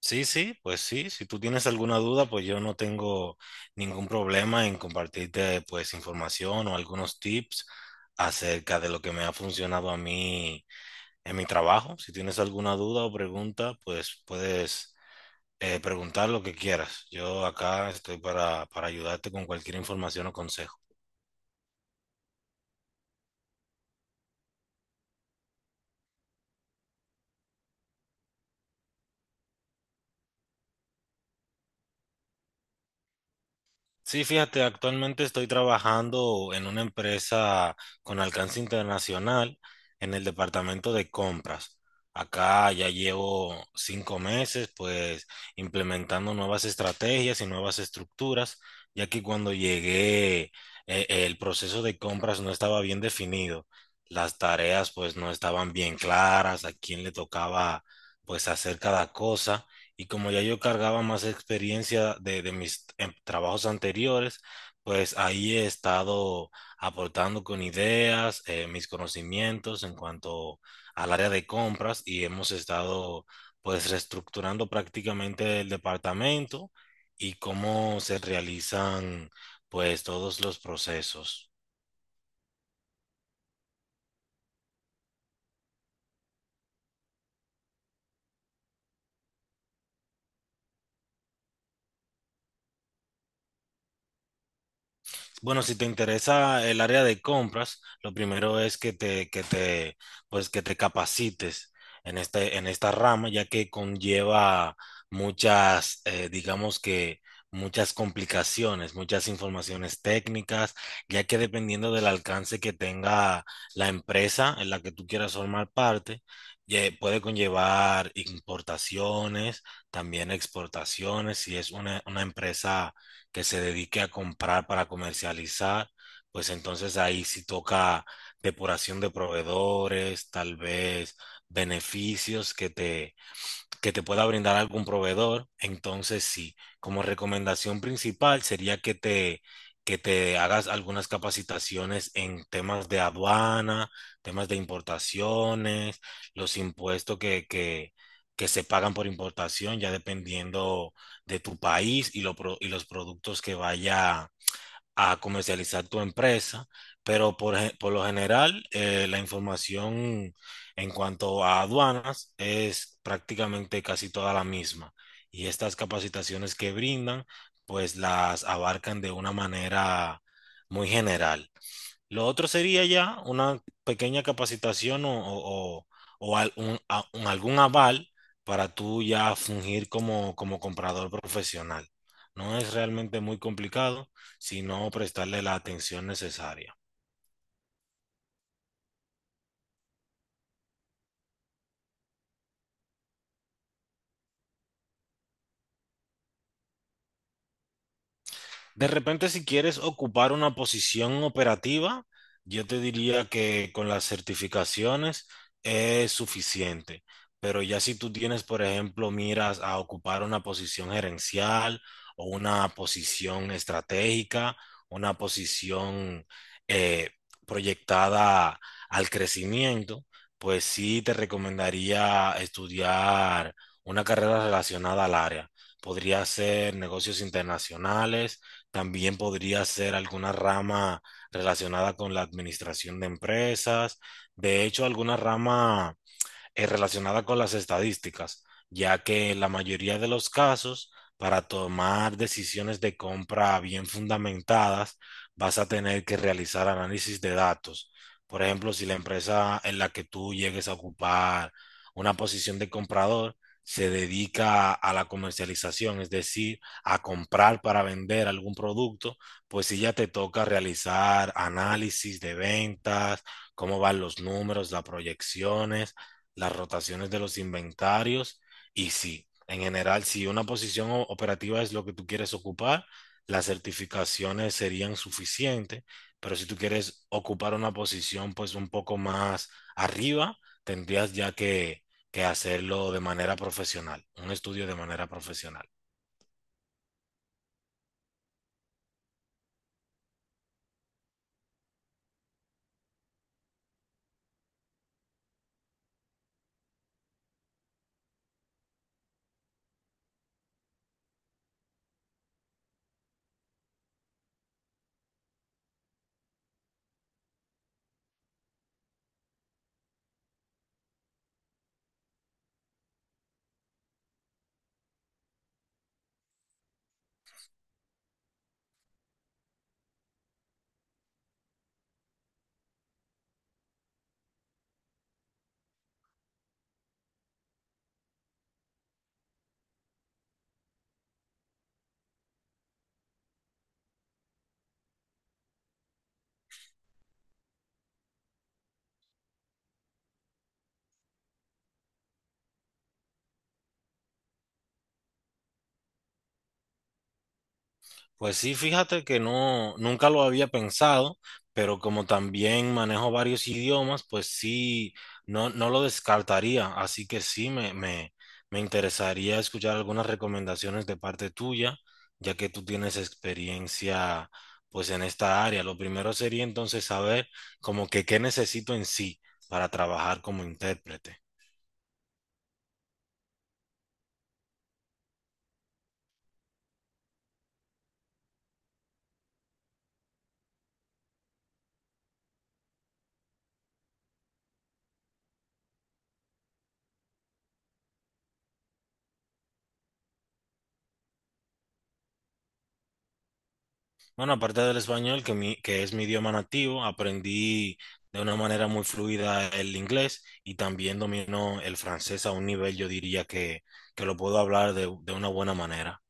Sí, sí, pues sí, si tú tienes alguna duda, pues yo no tengo ningún problema en compartirte pues información o algunos tips acerca de lo que me ha funcionado a mí en mi trabajo. Si tienes alguna duda o pregunta, pues puedes preguntar lo que quieras. Yo acá estoy para ayudarte con cualquier información o consejo. Sí, fíjate, actualmente estoy trabajando en una empresa con alcance internacional en el departamento de compras. Acá ya llevo 5 meses, pues, implementando nuevas estrategias y nuevas estructuras, ya que cuando llegué, el proceso de compras no estaba bien definido. Las tareas, pues, no estaban bien claras, a quién le tocaba, pues, hacer cada cosa. Y como ya yo cargaba más experiencia de mis trabajos anteriores, pues ahí he estado aportando con ideas, mis conocimientos en cuanto al área de compras y hemos estado pues reestructurando prácticamente el departamento y cómo se realizan pues todos los procesos. Bueno, si te interesa el área de compras, lo primero es pues que te capacites en esta rama, ya que conlleva muchas, digamos que muchas complicaciones, muchas informaciones técnicas, ya que dependiendo del alcance que tenga la empresa en la que tú quieras formar parte, puede conllevar importaciones, también exportaciones, si es una empresa que se dedique a comprar para comercializar, pues entonces ahí sí toca depuración de proveedores, tal vez beneficios que te pueda brindar algún proveedor. Entonces, sí, como recomendación principal sería que te hagas algunas capacitaciones en temas de aduana, temas de importaciones, los impuestos que se pagan por importación, ya dependiendo de tu país y, y los productos que vaya a comercializar tu empresa, pero por lo general la información en cuanto a aduanas es prácticamente casi toda la misma y estas capacitaciones que brindan pues las abarcan de una manera muy general. Lo otro sería ya una pequeña capacitación o algún aval para tú ya fungir como comprador profesional. No es realmente muy complicado, sino prestarle la atención necesaria. De repente, si quieres ocupar una posición operativa, yo te diría que con las certificaciones es suficiente. Pero ya si tú tienes, por ejemplo, miras a ocupar una posición gerencial o una posición estratégica, una posición eh, proyectada al crecimiento, pues sí te recomendaría estudiar una carrera relacionada al área. Podría ser negocios internacionales, también podría ser alguna rama relacionada con la administración de empresas. De hecho, alguna rama relacionada con las estadísticas, ya que en la mayoría de los casos, para tomar decisiones de compra bien fundamentadas, vas a tener que realizar análisis de datos. Por ejemplo, si la empresa en la que tú llegues a ocupar una posición de comprador se dedica a la comercialización, es decir, a comprar para vender algún producto, pues si ya te toca realizar análisis de ventas, cómo van los números, las proyecciones, las rotaciones de los inventarios y sí, en general, si una posición operativa es lo que tú quieres ocupar, las certificaciones serían suficientes, pero si tú quieres ocupar una posición pues un poco más arriba, tendrías ya que hacerlo de manera profesional, un estudio de manera profesional. Pues sí, fíjate que no, nunca lo había pensado, pero como también manejo varios idiomas, pues sí, no, no lo descartaría. Así que sí, me interesaría escuchar algunas recomendaciones de parte tuya, ya que tú tienes experiencia pues en esta área. Lo primero sería entonces saber como que qué necesito en sí para trabajar como intérprete. Bueno, aparte del español, que es mi idioma nativo, aprendí de una manera muy fluida el inglés y también domino el francés a un nivel, yo diría que lo puedo hablar de una buena manera.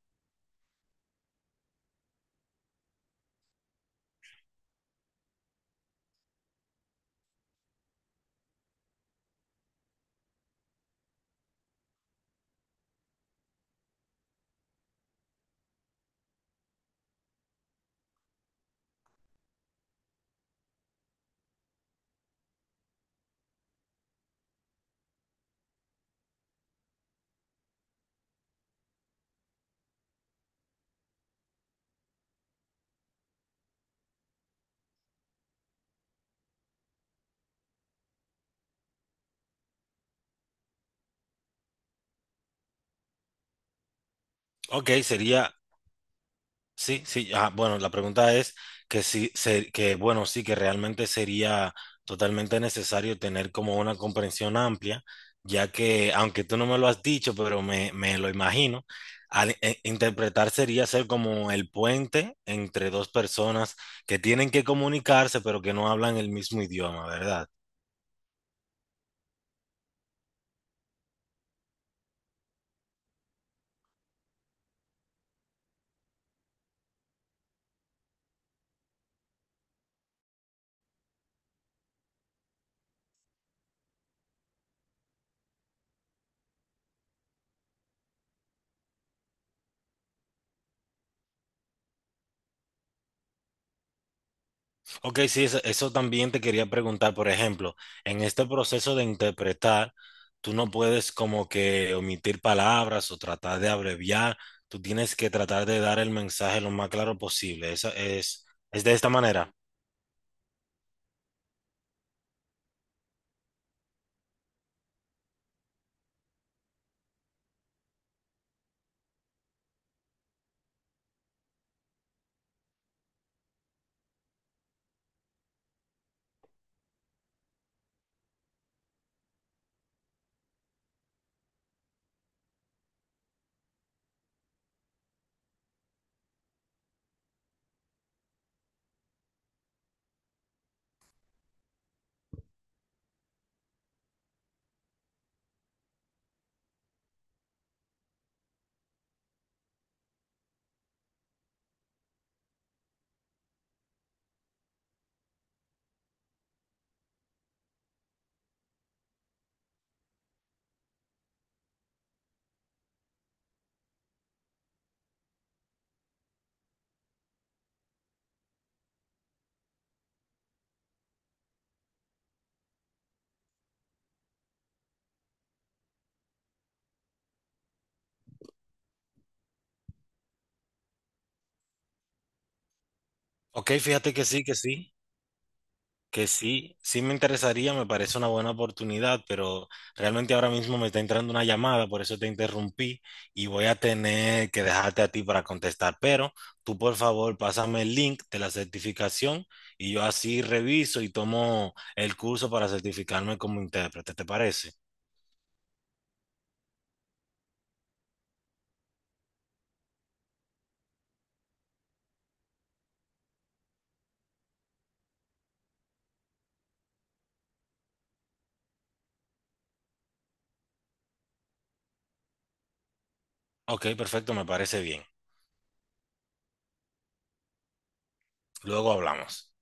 Ok, sería. Sí, sí, ah, bueno, la pregunta es que bueno, sí, que realmente sería totalmente necesario tener como una comprensión amplia, ya que, aunque tú no me lo has dicho, pero me lo imagino, interpretar sería ser como el puente entre dos personas que tienen que comunicarse, pero que no hablan el mismo idioma, ¿verdad? Ok, sí, eso también te quería preguntar, por ejemplo, en este proceso de interpretar, tú no puedes como que omitir palabras o tratar de abreviar, tú tienes que tratar de dar el mensaje lo más claro posible. Esa es de esta manera. Ok, fíjate que sí, que sí. Que sí, sí me interesaría, me parece una buena oportunidad, pero realmente ahora mismo me está entrando una llamada, por eso te interrumpí y voy a tener que dejarte a ti para contestar. Pero tú, por favor, pásame el link de la certificación y yo así reviso y tomo el curso para certificarme como intérprete, ¿te parece? Ok, perfecto, me parece bien. Luego hablamos.